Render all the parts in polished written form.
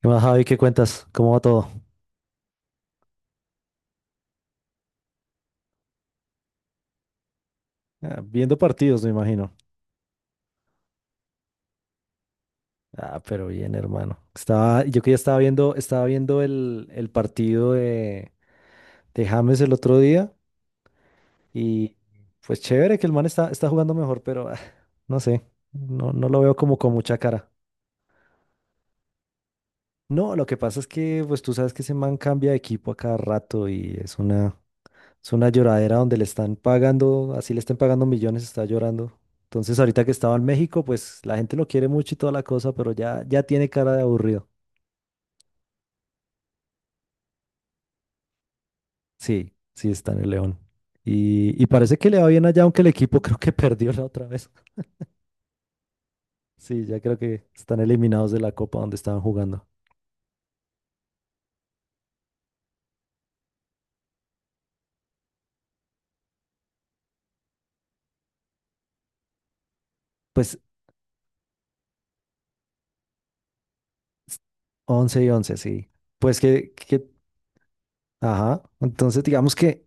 ¿Qué más, Javi? ¿Qué cuentas? ¿Cómo va todo? Ah, viendo partidos, me imagino. Ah, pero bien, hermano. Estaba, yo que ya estaba viendo, estaba viendo el partido de James el otro día y pues chévere que el man está jugando mejor, pero no sé, no, no lo veo como con mucha cara. No, lo que pasa es que pues tú sabes que ese man cambia de equipo a cada rato y es una lloradera donde le están pagando, así le estén pagando millones, está llorando. Entonces, ahorita que estaba en México, pues la gente lo quiere mucho y toda la cosa, pero ya, ya tiene cara de aburrido. Sí, sí está en el León. Y parece que le va bien allá, aunque el equipo creo que perdió la otra vez. Sí, ya creo que están eliminados de la Copa donde estaban jugando. Pues 11 y 11 sí. Pues ajá. Entonces, digamos que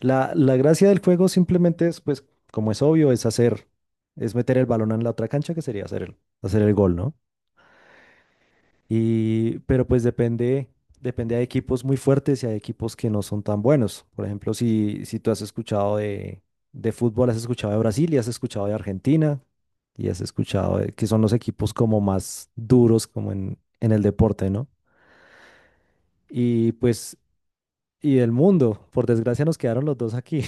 la gracia del juego simplemente es, pues, como es obvio, es meter el balón en la otra cancha, que sería hacer el gol, ¿no? Y, pero pues depende, hay equipos muy fuertes y hay equipos que no son tan buenos. Por ejemplo, si tú has escuchado de fútbol, has escuchado de Brasil y has escuchado de Argentina y has escuchado que son los equipos como más duros como en el deporte, ¿no? Y pues, y el mundo, por desgracia nos quedaron los dos aquí.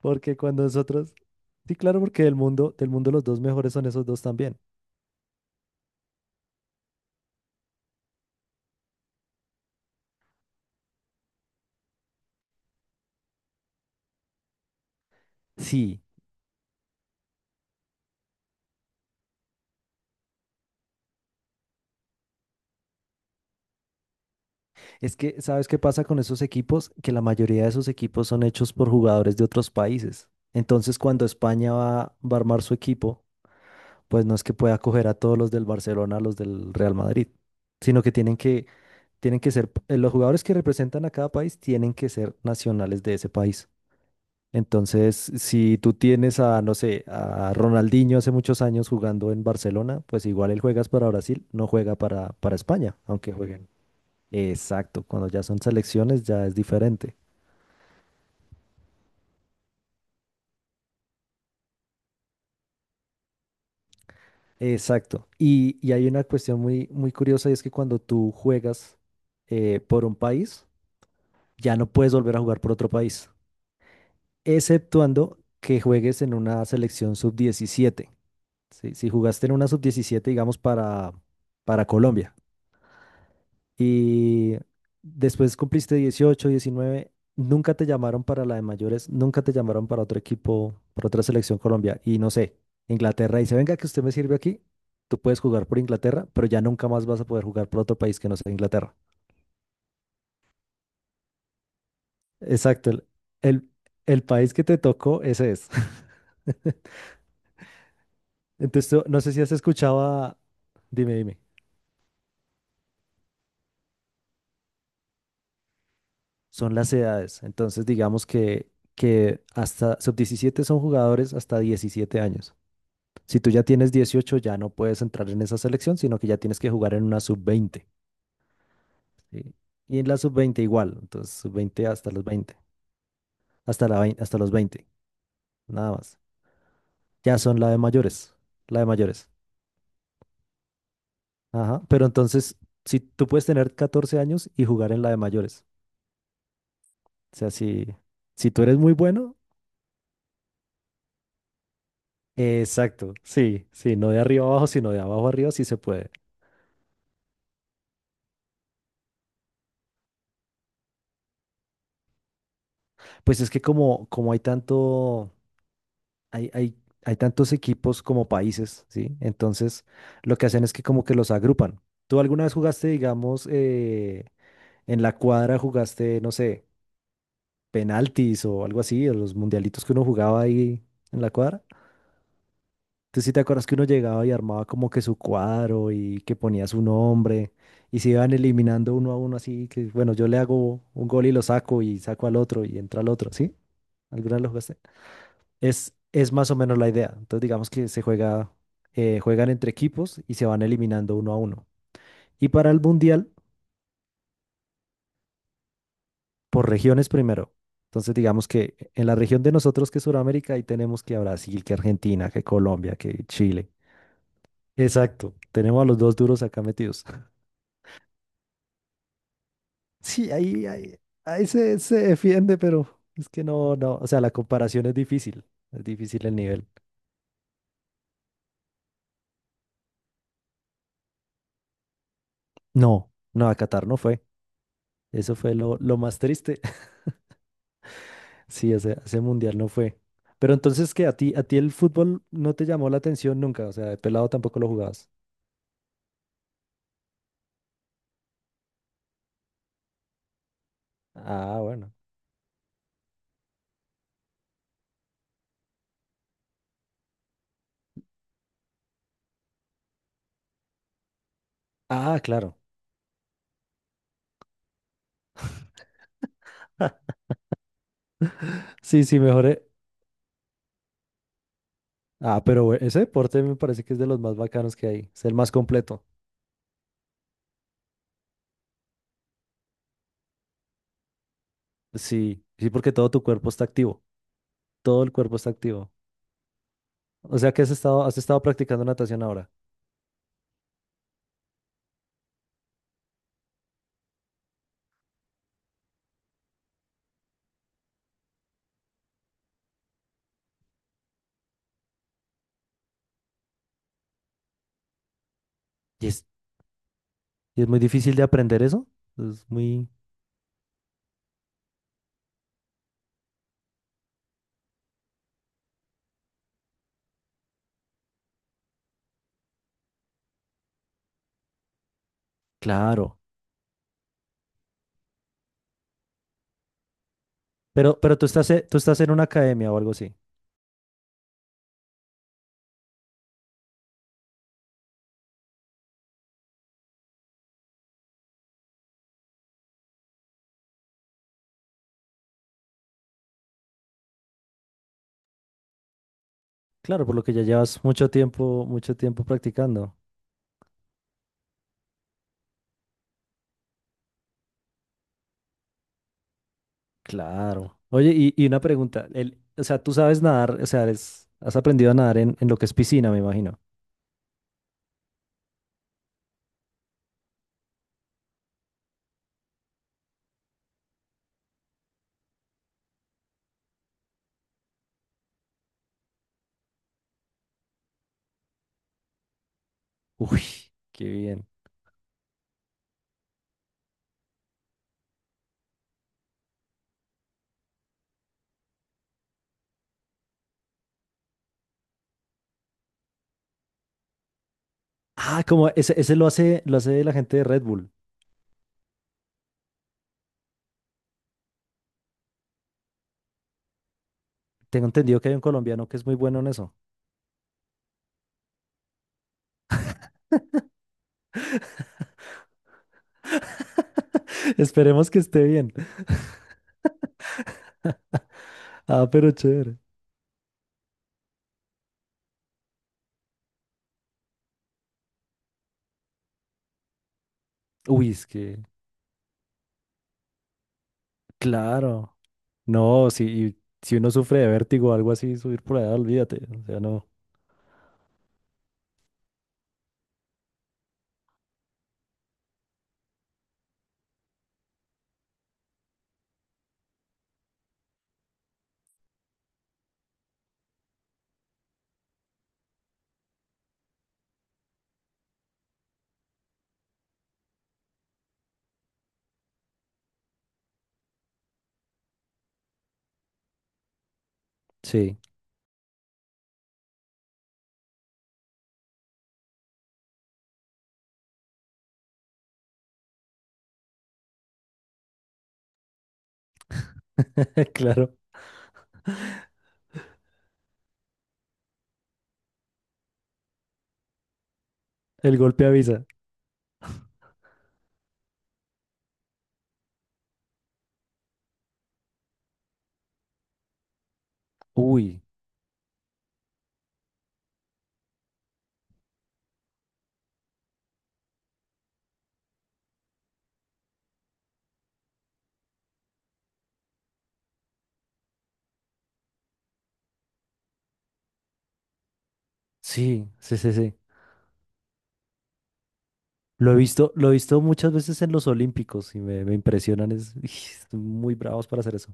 Porque cuando nosotros... Sí, claro, porque del mundo los dos mejores son esos dos también. Sí, es que ¿sabes qué pasa con esos equipos? Que la mayoría de esos equipos son hechos por jugadores de otros países. Entonces, cuando España va a armar su equipo, pues no es que pueda coger a todos los del Barcelona, a los del Real Madrid, sino que tienen que ser, los jugadores que representan a cada país tienen que ser nacionales de ese país. Entonces, si tú tienes a, no sé, a Ronaldinho hace muchos años jugando en Barcelona, pues igual él juegas para Brasil, no juega para España, aunque jueguen. Exacto, cuando ya son selecciones ya es diferente. Exacto. Y hay una cuestión muy, muy curiosa y es que cuando tú juegas por un país, ya no puedes volver a jugar por otro país, exceptuando que juegues en una selección sub diecisiete. Si jugaste en una sub diecisiete, digamos, para Colombia y después cumpliste 18, 19. Nunca te llamaron para la de mayores, nunca te llamaron para otro equipo, para otra selección Colombia. Y no sé, Inglaterra dice, venga, que usted me sirve aquí, tú puedes jugar por Inglaterra, pero ya nunca más vas a poder jugar por otro país que no sea Inglaterra. Exacto, el, el país que te tocó, ese es. Entonces, tú- no sé si has escuchado a- Dime, dime. Son las edades. Entonces, digamos que hasta sub diecisiete son jugadores hasta 17 años. Si tú ya tienes 18 ya no puedes entrar en esa selección, sino que ya tienes que jugar en una sub veinte, ¿sí? Y en la sub veinte igual, entonces sub-20 hasta los veinte, hasta los 20 nada más. Ya son la de mayores, la de mayores. Ajá, pero entonces, si tú puedes tener 14 años y jugar en la de mayores, o sea, si tú eres muy bueno, exacto, sí, sí, no de arriba abajo, sino de abajo arriba, sí se puede. Pues es que como hay tanto hay, hay, hay tantos equipos como países, ¿sí? Entonces, lo que hacen es que como que los agrupan. ¿Tú alguna vez jugaste, digamos, en la cuadra jugaste, no sé, penaltis o algo así, o los mundialitos que uno jugaba ahí en la cuadra? ¿Tú sí te acuerdas que uno llegaba y armaba como que su cuadro y que ponía su nombre y se iban eliminando uno a uno así, que bueno, yo le hago un gol y lo saco y saco al otro y entra al otro, ¿sí? ¿Alguna vez lo jugaste? Es más o menos la idea. Entonces, digamos que se juega, juegan entre equipos y se van eliminando uno a uno. Y para el mundial, por regiones primero. Entonces, digamos que en la región de nosotros, que es Sudamérica, ahí tenemos que a Brasil, que Argentina, que Colombia, que Chile. Exacto. Tenemos a los dos duros acá metidos. Sí, ahí se defiende, pero es que no, no. O sea, la comparación es difícil. Es difícil el nivel. No, no, a Qatar no fue. Eso fue lo más triste. Sí, ese mundial no fue. Pero entonces, ¿qué? A ti el fútbol no te llamó la atención nunca? O sea, de pelado tampoco lo jugabas. Ah, bueno. Ah, claro. Sí, sí, mejor. Ah, pero bue- ese deporte me parece que es de los más bacanos que hay. Es el más completo. Sí, sí, porque todo tu cuerpo está activo. Todo el cuerpo está activo. O sea que has estado practicando natación ahora. Y es, y es muy difícil de aprender eso. Es muy claro. Pero tú estás en una academia o algo así. Claro, por lo que ya llevas mucho tiempo practicando. Claro. Oye, y una pregunta, el, o sea, tú sabes nadar, o sea, eres- has aprendido a nadar en lo que es piscina, me imagino. Uy, qué bien. Ah, como ese lo hace la gente de Red Bull. Tengo entendido que hay un colombiano que es muy bueno en eso. Esperemos que esté bien. Ah, pero chévere. Uy, es que, claro. No, si, y si uno sufre de vértigo o algo así, subir por allá, olvídate. O sea, no. Sí, claro. El golpe avisa. Uy. Sí, sí, sí, sí. Lo he visto muchas veces en los Olímpicos y me impresionan. Es, son muy bravos para hacer eso.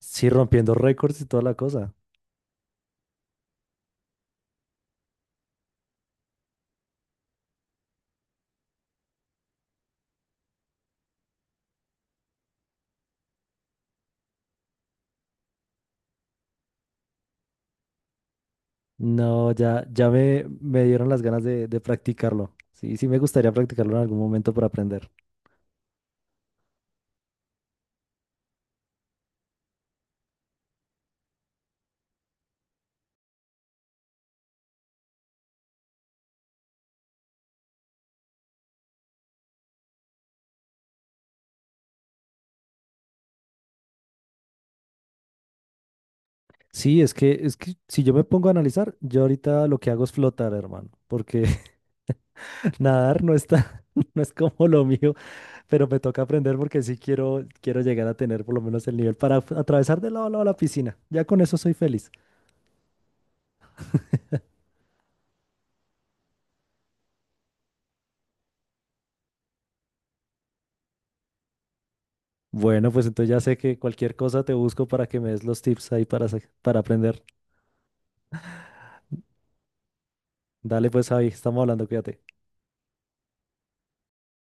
Sí, rompiendo récords y toda la cosa. No, ya, ya me dieron las ganas de practicarlo. Sí, sí me gustaría practicarlo en algún momento para aprender. Sí, es que si yo me pongo a analizar, yo ahorita lo que hago es flotar, hermano, porque nadar no está, no es como lo mío, pero me toca aprender porque sí quiero, quiero llegar a tener por lo menos el nivel para atravesar de lado a lado la piscina. Ya con eso soy feliz. Bueno, pues entonces ya sé que cualquier cosa te busco para que me des los tips ahí para aprender. Dale pues Javi, estamos hablando, cuídate.